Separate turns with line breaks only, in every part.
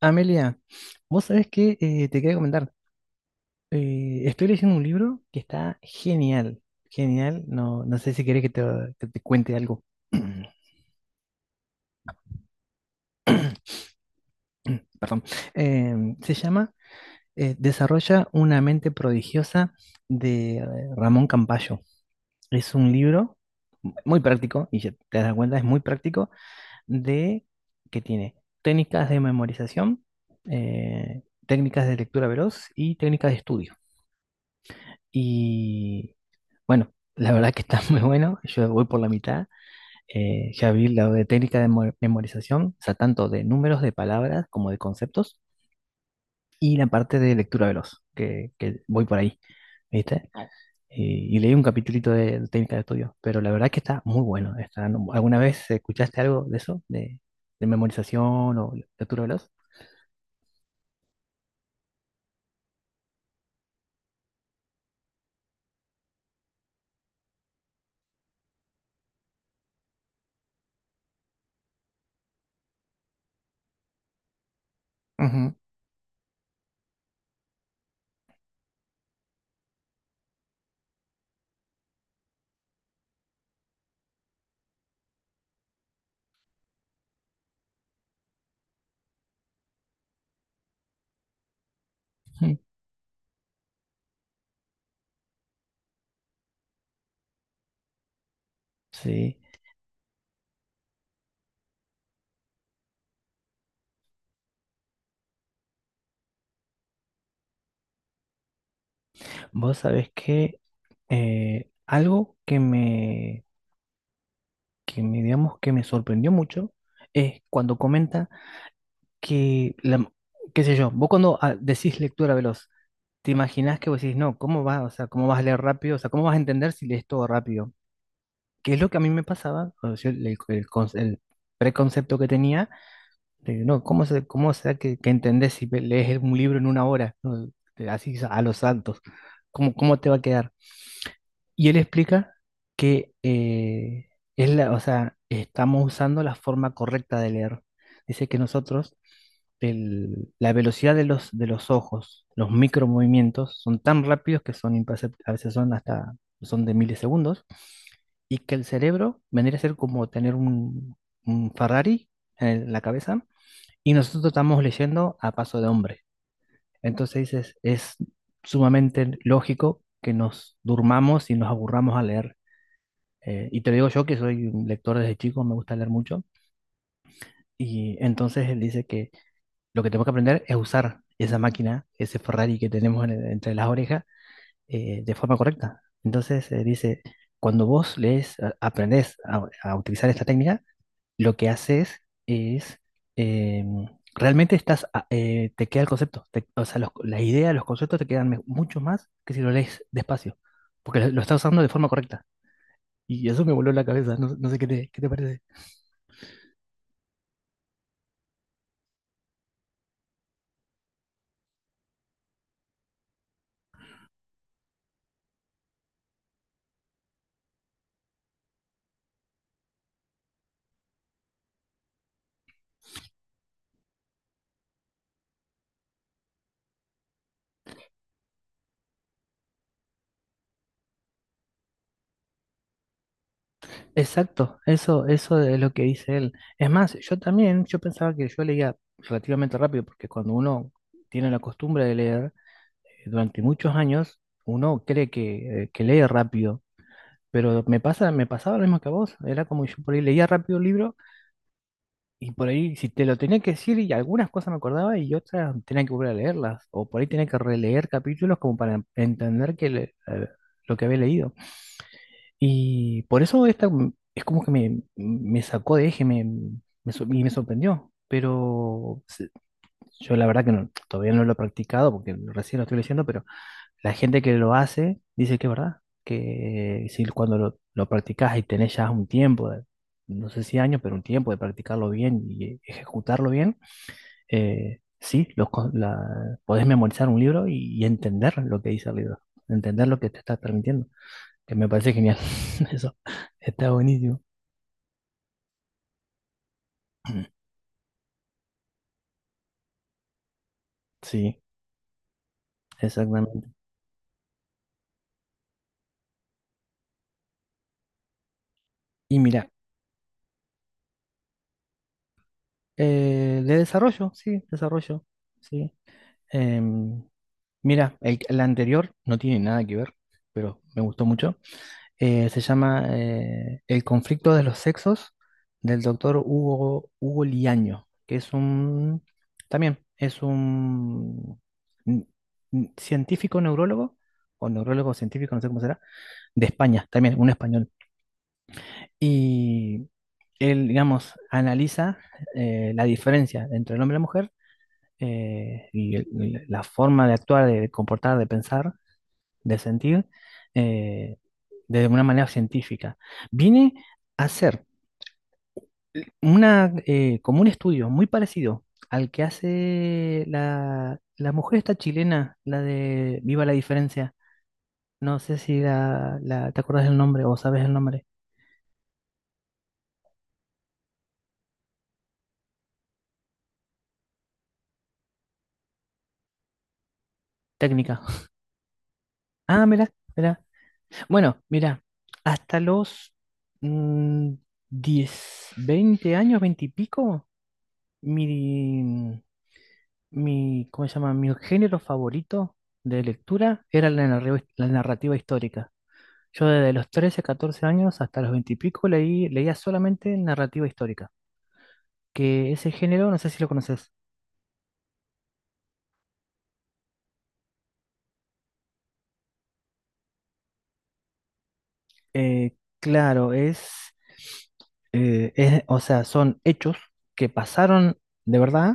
Amelia, vos sabés que te quería comentar. Estoy leyendo un libro que está genial, genial. No, no sé si querés que te cuente algo. Perdón. Se llama Desarrolla una mente prodigiosa de Ramón Campayo. Es un libro muy práctico, y ya te das cuenta, es muy práctico, de que tiene técnicas de memorización, eh, técnicas de lectura veloz y técnicas de estudio. Y bueno, la verdad que está muy bueno. Yo voy por la mitad. Ya vi la de técnica de memorización, o sea, tanto de números, de palabras como de conceptos. Y la parte de lectura veloz, que voy por ahí, ¿viste? Y leí un capitulito de técnica de estudio, pero la verdad que está muy bueno. Está, no- ¿alguna vez escuchaste algo de eso? ¿De memorización o lectura veloz? Ujú, ujú. Sí. Vos sabés que algo que me, digamos, que me sorprendió mucho es cuando comenta que, la, qué sé yo, vos cuando decís lectura veloz, te imaginás que vos decís, no, ¿cómo vas? O sea, ¿cómo vas a leer rápido? O sea, ¿cómo vas a entender si lees todo rápido? Que es lo que a mí me pasaba, o sea, el preconcepto que tenía, de, no, ¿cómo será que entendés si lees un libro en una hora? ¿No? Así a los saltos, ¿cómo te va a quedar? Y él explica que o sea, estamos usando la forma correcta de leer. Dice que nosotros, la velocidad de los ojos, los micromovimientos, son tan rápidos que son imperceptibles, a veces son hasta, son de milisegundos, y que el cerebro vendría a ser como tener un Ferrari en la cabeza, y nosotros estamos leyendo a paso de hombre. Entonces dices, es sumamente lógico que nos durmamos y nos aburramos a leer. Y te lo digo yo que soy un lector desde chico, me gusta leer mucho. Y entonces él dice que lo que tenemos que aprender es usar esa máquina, ese Ferrari que tenemos entre las orejas, de forma correcta. Entonces dice, cuando vos lees, aprendés a utilizar esta técnica, lo que haces es, em, realmente te queda el concepto, o sea, la idea, los conceptos te quedan mucho más que si lo lees despacio, porque lo estás usando de forma correcta. Y eso me voló la cabeza, no, no sé qué te parece. Exacto, eso es lo que dice él. Es más, yo también, yo pensaba que yo leía relativamente rápido, porque cuando uno tiene la costumbre de leer durante muchos años, uno cree que lee rápido. Pero me pasaba lo mismo que a vos. Era como yo por ahí leía rápido el libro y por ahí si te lo tenía que decir y algunas cosas me acordaba y otras tenía que volver a leerlas. O por ahí tenía que releer capítulos como para entender lo que había leído. Y por eso es como que me sacó de eje, y me sorprendió. Yo la verdad que todavía no lo he practicado porque recién lo estoy leyendo, pero la gente que lo hace dice que es verdad, que si cuando lo practicas y tenés ya un tiempo, no sé si años, pero un tiempo de practicarlo bien y ejecutarlo bien, sí, podés memorizar un libro y entender lo que dice el libro, entender lo que te está transmitiendo, que me parece genial. Eso está buenísimo. Sí, exactamente. Y mira, de desarrollo, sí, desarrollo, sí. Em, mira, la anterior no tiene nada que ver, pero me gustó mucho. Se llama El conflicto de los sexos del doctor Hugo, Hugo Liaño, también es un n- científico neurólogo, o neurólogo científico, no sé cómo será, de España, también un español. Y él, digamos, analiza la diferencia entre el hombre y la mujer, y la forma de actuar, de comportar, de pensar, de sentir, eh, de una manera científica. Viene a ser como un estudio muy parecido al que hace la mujer esta chilena, la de Viva la Diferencia. No sé si te acordás del nombre o sabes el nombre. Técnica. Mira, mira. Bueno, mira, hasta los mm, 10, 20 años, 20 y pico. Mi, ¿Cómo se llama? Mi género favorito de lectura era la narrativa histórica. Yo desde los 13, 14 años hasta los 20 y pico leía solamente narrativa histórica, que ese género, no sé si lo conoces. Eh, claro, o sea, son hechos que pasaron de verdad,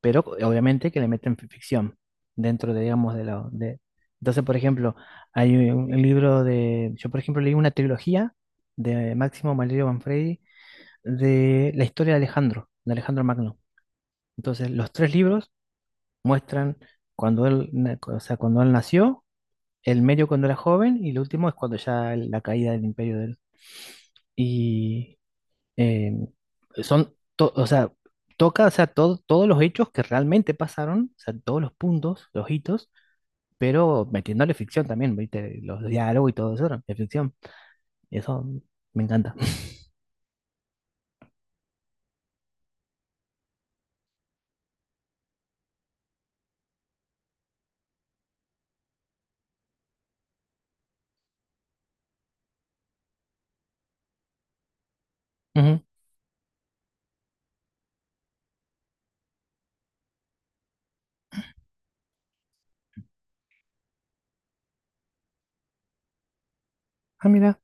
pero obviamente que le meten ficción dentro de, digamos, de la. De. Entonces, por ejemplo, hay un libro de. Yo, por ejemplo, leí una trilogía de Máximo Valerio Manfredi de la historia de Alejandro Magno. Entonces, los tres libros muestran cuando o sea, cuando él nació, el medio cuando era joven y el último es cuando ya la caída del imperio de él, y eh, o sea, toca, o sea, todos los hechos que realmente pasaron, o sea, todos los puntos, los hitos, pero metiéndole ficción también, ¿viste? Los diálogos y todo eso, ¿no?, es ficción. Y eso me encanta. Ujú. Mira,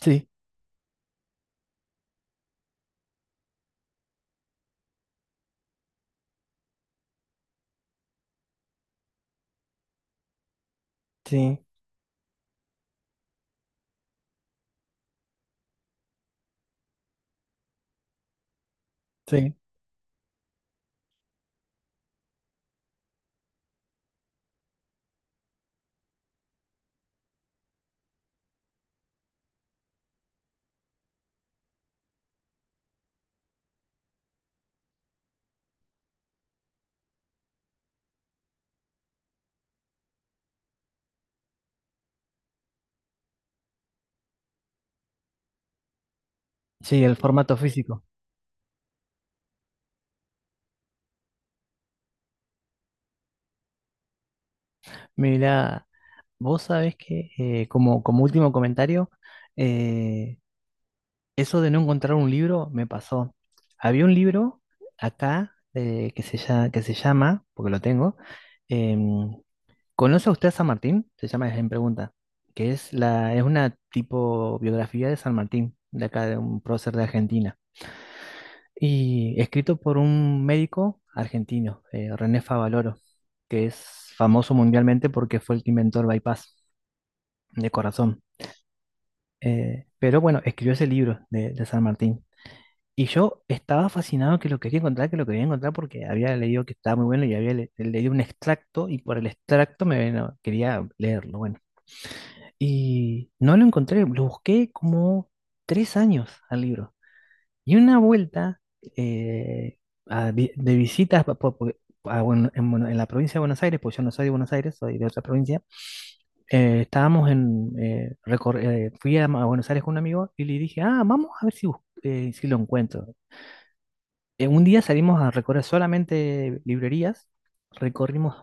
sí, sí, sí, sí, el formato físico. Mira, vos sabés que, como último comentario, eh, Eso de no encontrar un libro me pasó. Había un libro acá, que se llama, porque lo tengo. em, ¿Conoce usted a San Martín? Se llama es en pregunta, que es una tipo biografía de San Martín, de acá, de un prócer de Argentina. Y escrito por un médico argentino, René Favaloro, que es famoso mundialmente porque fue el que inventó el bypass de corazón. Pero bueno, escribió ese libro de San Martín. Y yo estaba fascinado, que lo quería encontrar, que lo quería encontrar porque había leído que estaba muy bueno y había leído un extracto y por el extracto me no, quería leerlo, bueno. Y no lo encontré, lo busqué como 3 años al libro. Y una vuelta, eh, de visitas pa- po- po- a Buen- en, Bueno- en la provincia de Buenos Aires, pues yo no soy de Buenos Aires, soy de otra provincia. Eh, estábamos en, recor- fui a, Ma- a Buenos Aires con un amigo y le dije, ah, vamos a ver si lo encuentro. Un día salimos a recorrer solamente librerías, recorrimos,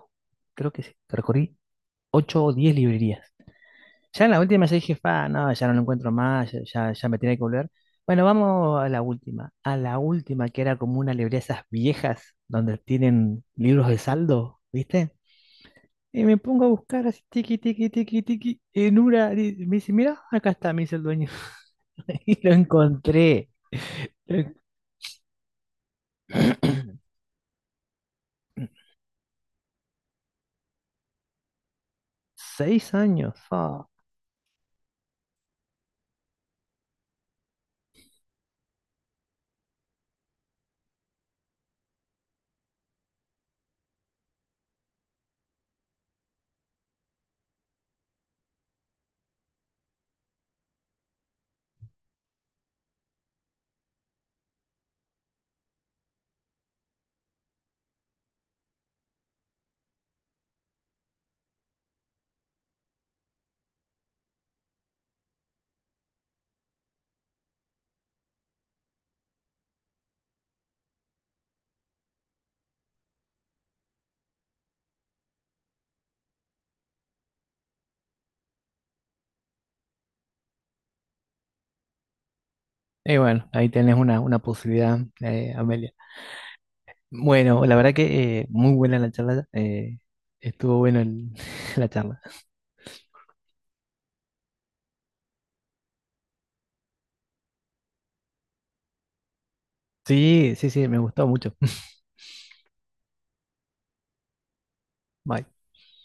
creo que sí, recorrí 8 o 10 librerías. Ya en la última ya dije, fa, no, ya no lo encuentro más, ya, ya, ya me tenía que volver. Bueno, vamos a la última que era como una librería esas viejas donde tienen libros de saldo, ¿viste? Y me pongo a buscar así, tiqui, tiqui, tiqui, tiqui, en una, y me dice, mira, acá está, me dice el dueño. Y lo encontré. Lo en- 6 años, fa. Y bueno, ahí tenés una posibilidad, Amelia. Bueno, la verdad que muy buena la charla. Estuvo bueno la charla. Sí, sí, sí, me gustó mucho. Bye.